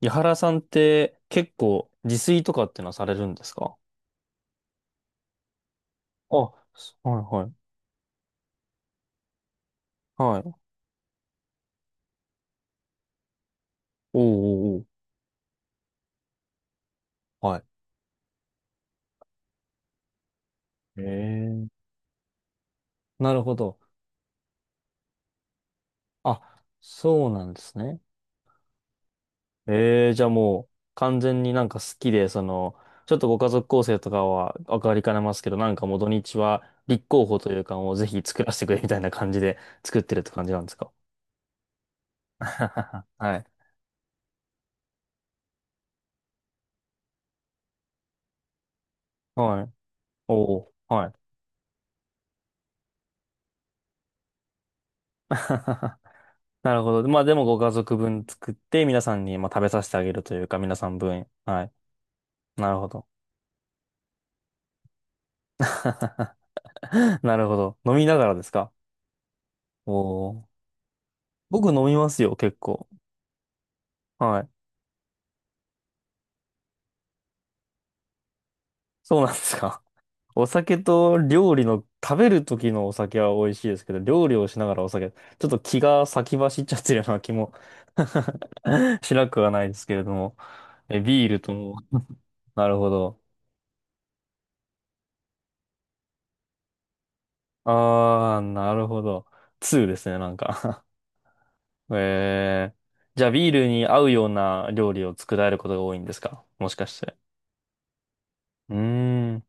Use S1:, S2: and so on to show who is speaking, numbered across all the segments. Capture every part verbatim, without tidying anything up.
S1: 井原さんって結構自炊とかってのはされるんですか？あ、はいはい。はい。おうおうおう。はい。ええ、なるほど。あ、そうなんですね。ええ、じゃあもう完全になんか好きで、その、ちょっとご家族構成とかは分かりかねますけど、なんかもう土日は立候補というかもうぜひ作らせてくれみたいな感じで作ってるって感じなんですか？ はい。はい。おうおう。はい。なるほど。まあでもご家族分作って皆さんにまあ食べさせてあげるというか皆さん分。はい。なるほど。なるほど。飲みながらですか？おー。僕飲みますよ、結構。はい。そうなんですか？お酒と料理の、食べる時のお酒は美味しいですけど、料理をしながらお酒、ちょっと気が先走っちゃってるような気も しなくはないですけれども。え、ビールとも。なるほど。あー、なるほど。ツーですね、なんかえー、じゃあビールに合うような料理を作られることが多いんですか、もしかして。うーん。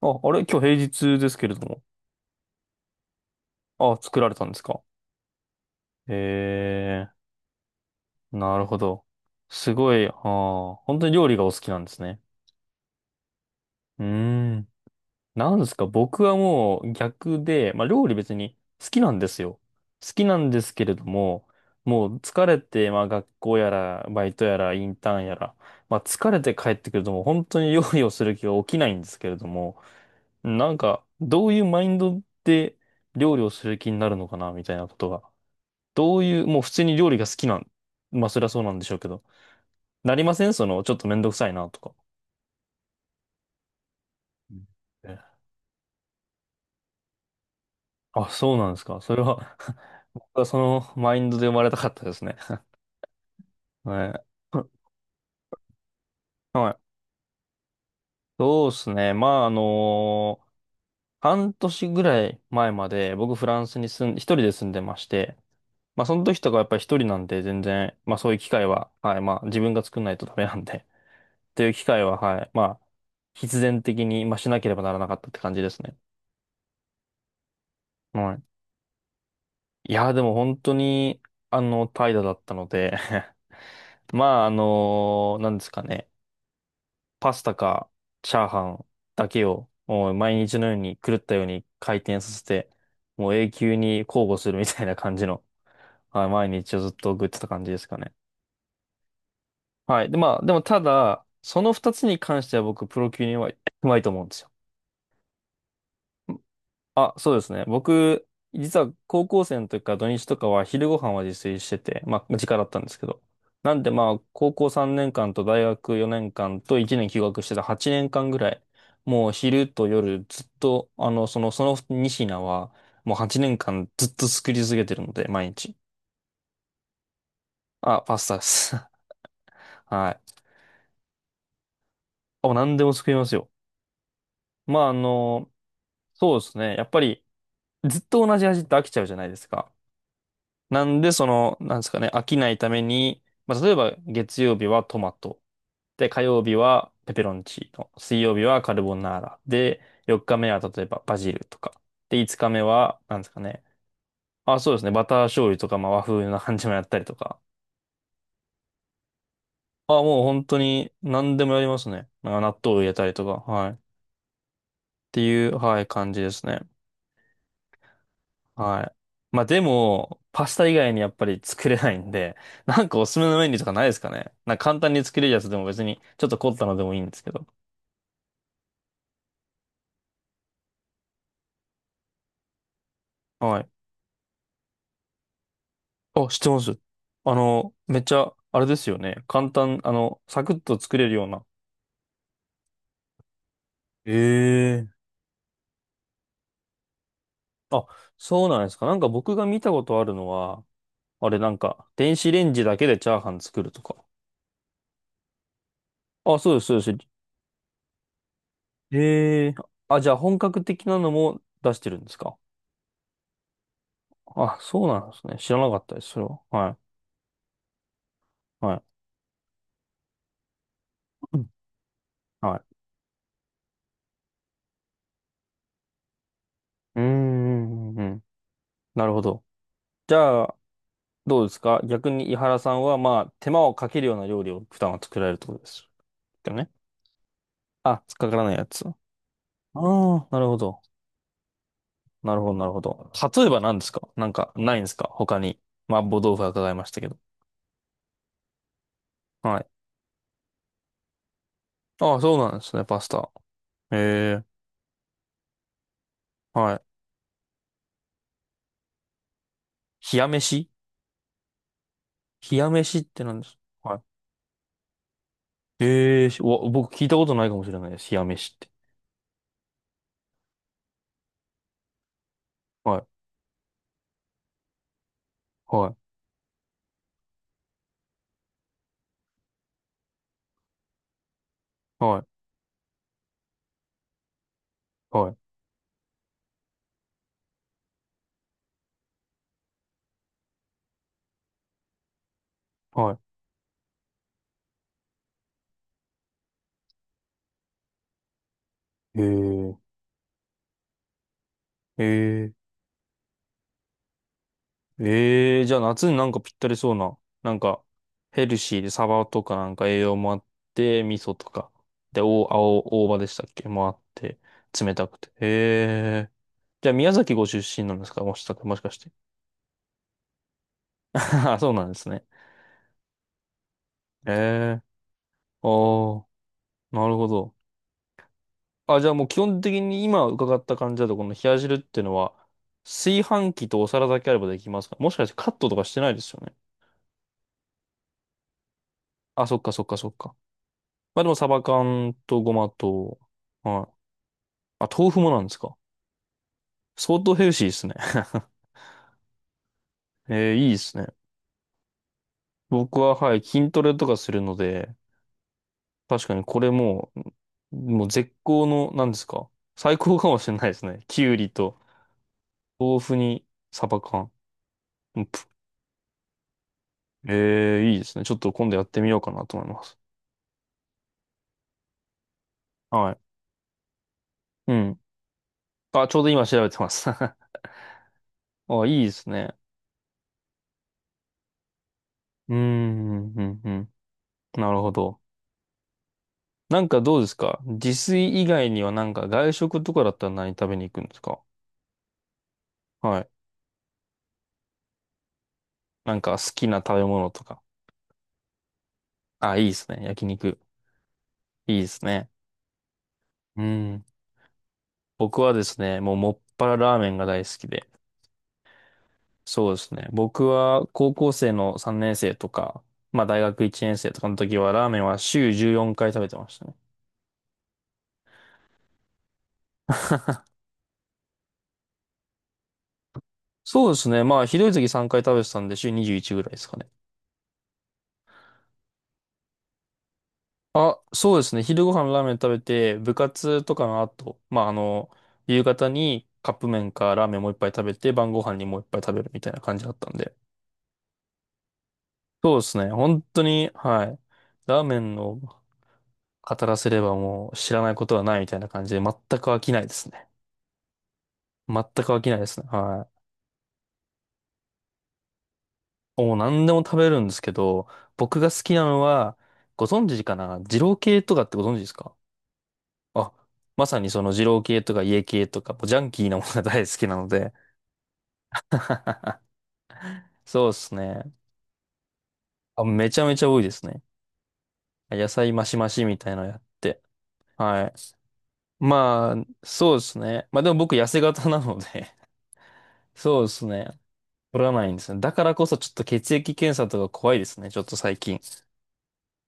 S1: あ、あれ今日平日ですけれども。あ、作られたんですか？えー、なるほど。すごい、あー、本当に料理がお好きなんですね。うーん。なんですか、僕はもう逆で、まあ料理別に好きなんですよ。好きなんですけれども、もう疲れて、まあ学校やら、バイトやら、インターンやら、まあ疲れて帰ってくるともう本当に料理をする気が起きないんですけれども、なんかどういうマインドで料理をする気になるのかな、みたいなことが。どういう、もう普通に料理が好きなん、まあそりゃそうなんでしょうけど、なりませんその、ちょっとめんどくさいなとか。あ、そうなんですか？それは 僕はそのマインドで生まれたかったですね。はい。はい。そうですね。まあ、あの半年ぐらい前まで僕フランスに住ん、一人で住んでまして、まあその時とかやっぱり一人なんで全然、まあそういう機会は、はい、まあ自分が作んないとダメなんで、っていう機会は、はい、まあ必然的に、まあ、しなければならなかったって感じですね。はい。いや、でも本当に、あの、怠惰だったので まあ、あのなんですかね。パスタかチャーハンだけをもう毎日のように狂ったように回転させて、もう永久に交互するみたいな感じの、はい、毎日をずっと送ってた感じですかね。はい。で、まあ、でもただ、その二つに関しては僕、プロ級にうまい、うまいと思うんですよ。あ、そうですね。僕、実は高校生の時から土日とかは昼ご飯は自炊してて、まあ、時間だったんですけど。なんでまあ、高校さんねんかんと大学よねんかんといちねん休学してたはちねんかんぐらい、もう昼と夜ずっと、あの、その、そのにひん品は、もうはちねんかんずっと作り続けてるので、毎日。あ、パスタです。はい。あ、何でも作りますよ。まあ、あの、そうですね。やっぱり、ずっと同じ味って飽きちゃうじゃないですか。なんで、その、なんですかね、飽きないために、まあ、例えば月曜日はトマト。で、火曜日はペペロンチーノ。水曜日はカルボナーラ。で、よっかめは例えばバジルとか。で、いつかめは、なんですかね。あ、そうですね。バター醤油とか、まあ、和風な感じもやったりとか。あ、もう本当に何でもやりますね。まあ納豆を入れたりとか。はい。っていう、はい、感じですね。はい。まあでも、パスタ以外にやっぱり作れないんで、なんかおすすめのメニューとかないですかね。なんか簡単に作れるやつでも別に、ちょっと凝ったのでもいいんですけど。はい。あ、知ってます。あの、めっちゃ、あれですよね。簡単、あの、サクッと作れるような。ええ。あ、そうなんですか？なんか僕が見たことあるのは、あれなんか、電子レンジだけでチャーハン作るとか。あ、そうです、そうです。ええ。あ、じゃあ本格的なのも出してるんですか？あ、そうなんですね。知らなかったです、それは。はい。はい。うん、はい。うーん、うんうん、なるほど。じゃあ、どうですか、逆に井原さんは、まあ、手間をかけるような料理を普段は作られるってことですよね？あ、つっかからないやつ。ああ、なるほど。なるほど、なるほど。例えば何ですか？なんか、ないんですか、他に。麻婆豆腐は伺いましたけど。はい。ああ、そうなんですね、パスタ。へえ、はい。冷や飯。冷や飯って何ですか？はい。ええ、しわ僕聞いたことないかもしれないです。冷や飯って。はい、はい、はい、はい。はい、へえ、ええ、ええ、じゃあ夏になんかぴったりそうな、なんかヘルシーでサバとかなんか栄養もあって、味噌とか、で、お、青、大葉でしたっけもあって、冷たくて。へえ。じゃあ宮崎ご出身なんですか、もしか、もしかして。あそうなんですね。へえ。ああ、なるほど。あ、じゃあもう基本的に今伺った感じだと、この冷や汁っていうのは、炊飯器とお皿だけあればできますか、もしかして、カットとかしてないですよね。あ、そっかそっかそっか。まあでもサバ缶とごまと、はい。あ、豆腐もなんですか。相当ヘルシーですね。えー、いいですね。僕は、はい、筋トレとかするので、確かにこれもう、もう絶好の、なんですか。最高かもしれないですね。きゅうりと豆腐にサバ缶。うんぷえー、いいですね。ちょっと今度やってみようかなと思います。はい。うん。あ、ちょうど今調べてます。あ、いいですね。うーん、うん、うん。うん、なるほど。なんかどうですか、自炊以外にはなんか外食とかだったら何食べに行くんですか？はい。なんか好きな食べ物とか。あ、いいですね。焼肉。いいですね。うん。僕はですね、もうもっぱらラーメンが大好きで。そうですね。僕は高校生のさんねん生とか、まあ大学いちねん生とかの時はラーメンは週じゅうよんかい食べてましたね。そうですね。まあひどい時さんかい食べてたんで週にじゅういちぐらいですかね。あ、そうですね。昼ご飯ラーメン食べて、部活とかの後、まあ、あの、夕方にカップ麺かラーメンもう一杯食べて、晩ご飯にもう一杯食べるみたいな感じだったんで。そうですね。本当に、はい。ラーメンを語らせればもう知らないことはないみたいな感じで、全く飽きないですね。全く飽きないですね。はい。もう何でも食べるんですけど、僕が好きなのは、ご存知かな、二郎系とかってご存知ですか？あ、まさにその二郎系とか家系とか、もうジャンキーなものが大好きなので、そうですね。あ、めちゃめちゃ多いですね。野菜マシマシみたいなのやって。はい。まあ、そうですね。まあでも僕痩せ型なので そうですね。取らないんですね。だからこそちょっと血液検査とか怖いですね。ちょっと最近。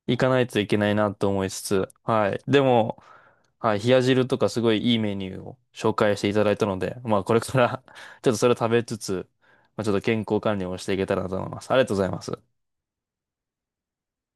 S1: 行かないといけないなと思いつつ。はい。でも、はい。冷や汁とかすごいいいメニューを紹介していただいたので、まあこれから ちょっとそれを食べつつ、まあちょっと健康管理をしていけたらなと思います。ありがとうございます。